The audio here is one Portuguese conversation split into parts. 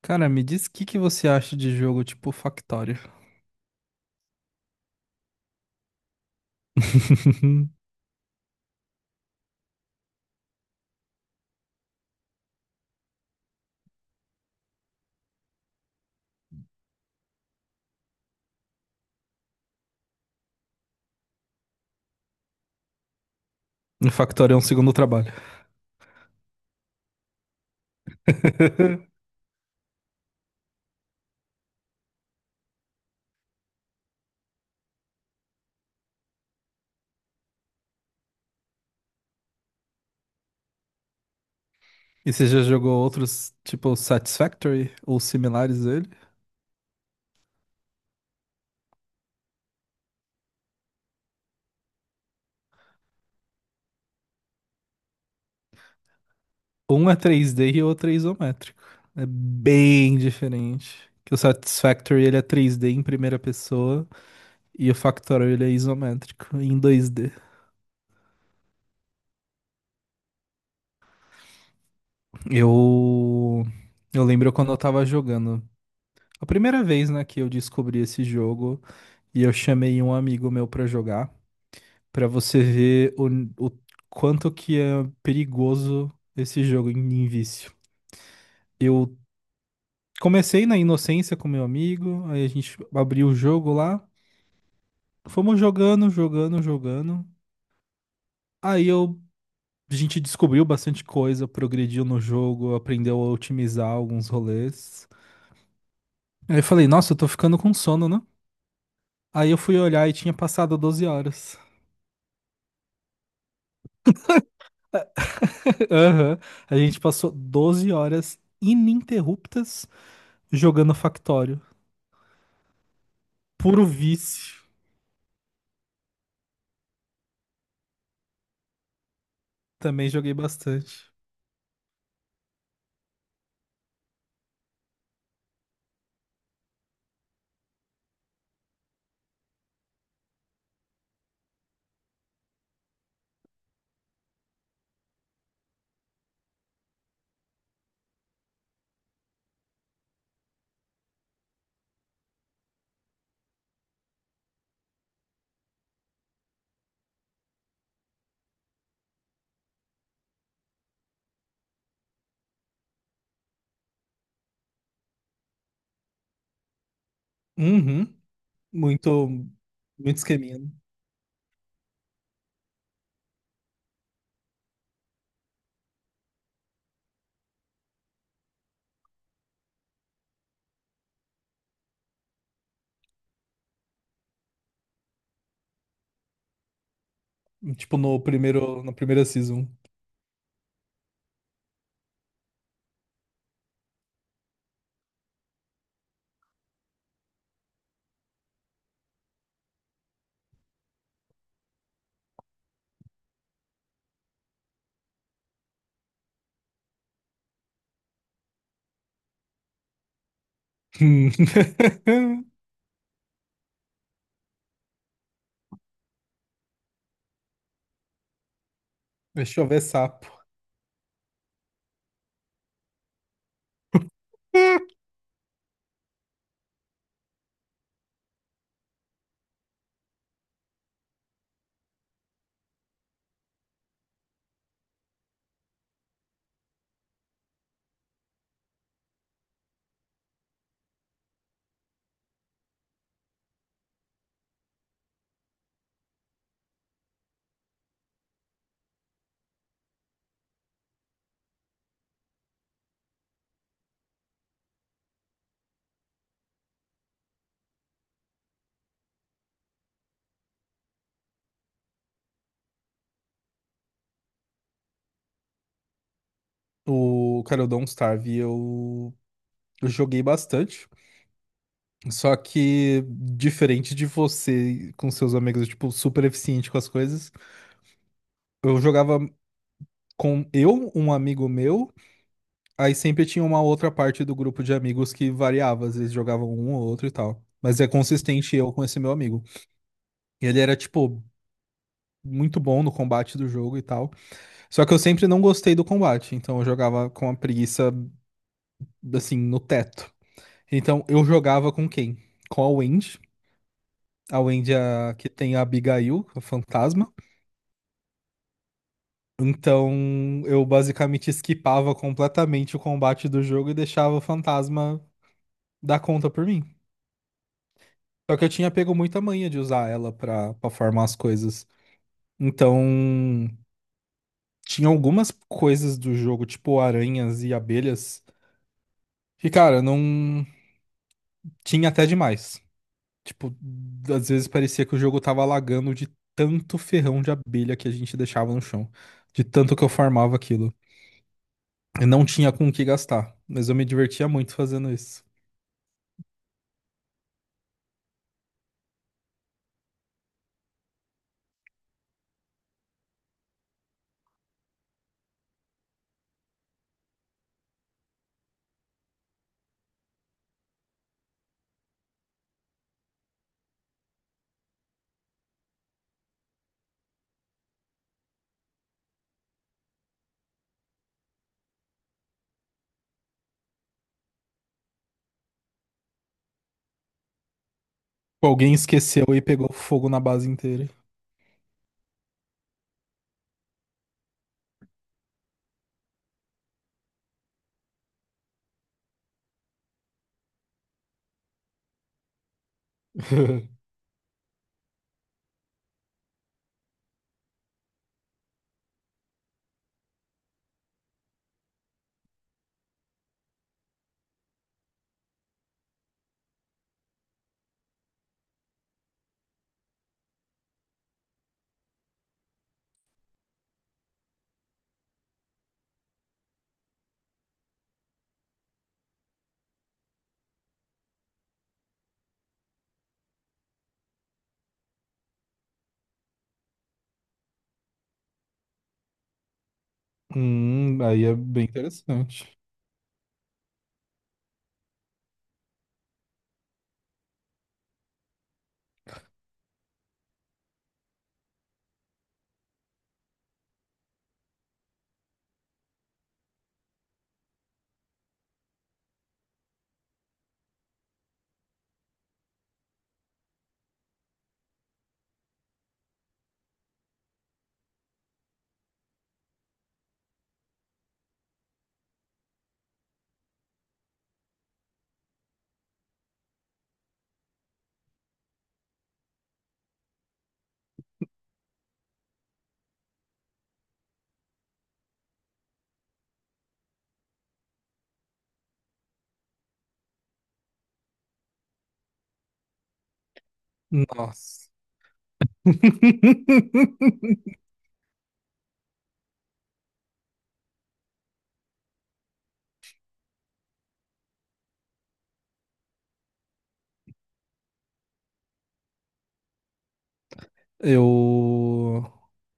Cara, me diz o que que você acha de jogo tipo Factorio. O Factorio é um segundo trabalho. E você já jogou outros, tipo Satisfactory ou similares dele? Um é 3D e o outro é isométrico. É bem diferente. Que o Satisfactory ele é 3D em primeira pessoa e o Factorio ele é isométrico em 2D. Eu eu lembro quando eu tava jogando. A primeira vez, né, que eu descobri esse jogo, e eu chamei um amigo meu pra jogar. Pra você ver o quanto que é perigoso esse jogo em vício. Eu comecei na inocência com meu amigo, aí a gente abriu o jogo lá, fomos jogando, jogando, jogando. Aí eu, a gente descobriu bastante coisa, progrediu no jogo, aprendeu a otimizar alguns rolês. Aí eu falei, nossa, eu tô ficando com sono, né? Aí eu fui olhar e tinha passado 12 horas. Aham. A gente passou 12 horas ininterruptas jogando Factório. Puro vício. Também joguei bastante. Uhum. Muito, muito esqueminha. Né? Tipo no primeiro, na primeira season. Hum. Deixa eu ver sapo. O cara, o Don't Starve, eu joguei bastante. Só que, diferente de você com seus amigos, tipo, super eficiente com as coisas, eu jogava com eu, um amigo meu. Aí sempre tinha uma outra parte do grupo de amigos que variava, às vezes jogavam um ou outro e tal. Mas é consistente eu com esse meu amigo. Ele era, tipo, muito bom no combate do jogo e tal. Só que eu sempre não gostei do combate, então eu jogava com a preguiça, assim, no teto. Então eu jogava com quem? Com a Wendy. A Wendy é a que tem a Abigail, a fantasma. Então eu basicamente skipava completamente o combate do jogo e deixava o fantasma dar conta por mim. Só que eu tinha pego muita manha de usar ela pra, pra farmar as coisas. Então, tinha algumas coisas do jogo, tipo aranhas e abelhas, que, cara, não. Tinha até demais. Tipo, às vezes parecia que o jogo tava lagando de tanto ferrão de abelha que a gente deixava no chão. De tanto que eu farmava aquilo. Eu não tinha com o que gastar, mas eu me divertia muito fazendo isso. Alguém esqueceu e pegou fogo na base inteira. Aí é bem interessante. Nossa. Eu,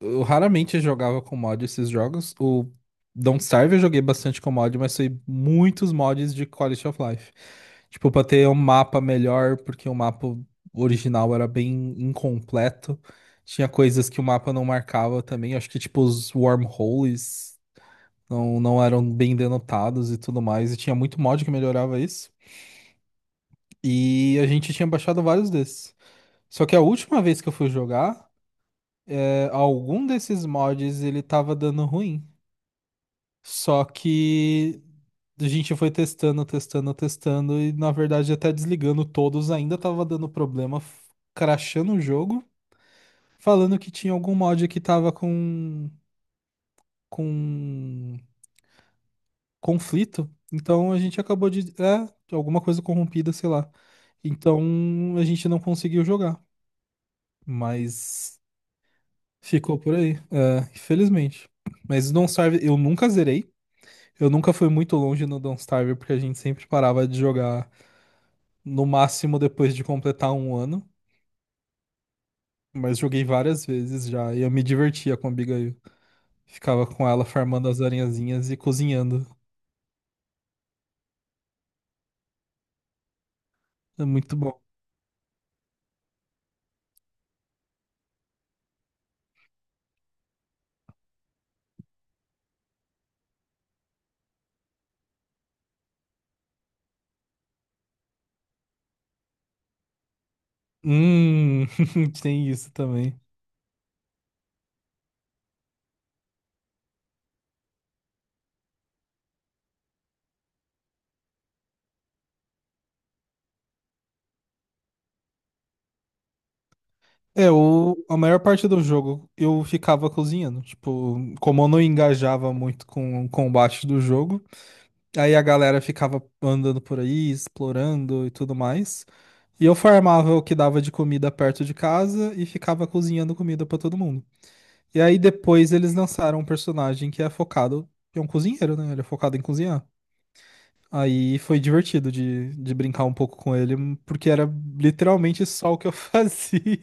eu raramente jogava com mod esses jogos. O Don't Starve eu joguei bastante com mod, mas foi muitos mods de Quality of Life. Tipo, pra ter um mapa melhor, porque o mapa original era bem incompleto. Tinha coisas que o mapa não marcava também. Acho que, tipo, os wormholes não eram bem denotados e tudo mais. E tinha muito mod que melhorava isso. E a gente tinha baixado vários desses. Só que a última vez que eu fui jogar, algum desses mods ele tava dando ruim. Só que a gente foi testando, testando, testando, e na verdade até desligando todos ainda tava dando problema, crashando o jogo, falando que tinha algum mod que tava com conflito. Então a gente acabou de é, alguma coisa corrompida, sei lá. Então a gente não conseguiu jogar, mas ficou por aí, é, infelizmente. Mas não serve, eu nunca zerei. Eu nunca fui muito longe no Don't Starve, porque a gente sempre parava de jogar no máximo depois de completar 1 ano. Mas joguei várias vezes já, e eu me divertia com a Abigail. Ficava com ela farmando as aranhazinhas e cozinhando. É muito bom. Hum, tem isso também. É, o, a maior parte do jogo eu ficava cozinhando. Tipo, como eu não engajava muito com o combate do jogo, aí a galera ficava andando por aí, explorando e tudo mais. E eu farmava o que dava de comida perto de casa e ficava cozinhando comida pra todo mundo. E aí depois eles lançaram um personagem que é focado, que é um cozinheiro, né? Ele é focado em cozinhar. Aí foi divertido de brincar um pouco com ele, porque era literalmente só o que eu fazia.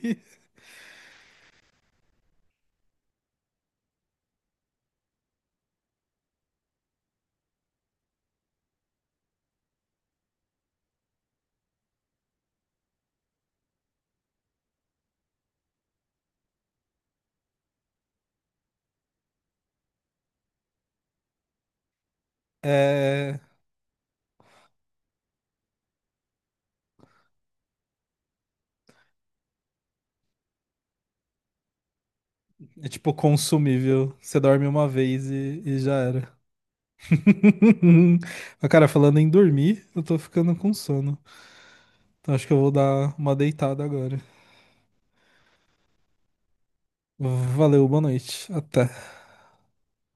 É, é tipo consumível. Você dorme uma vez e já era. Mas, cara, falando em dormir, eu tô ficando com sono. Então acho que eu vou dar uma deitada agora. Valeu, boa noite. Até.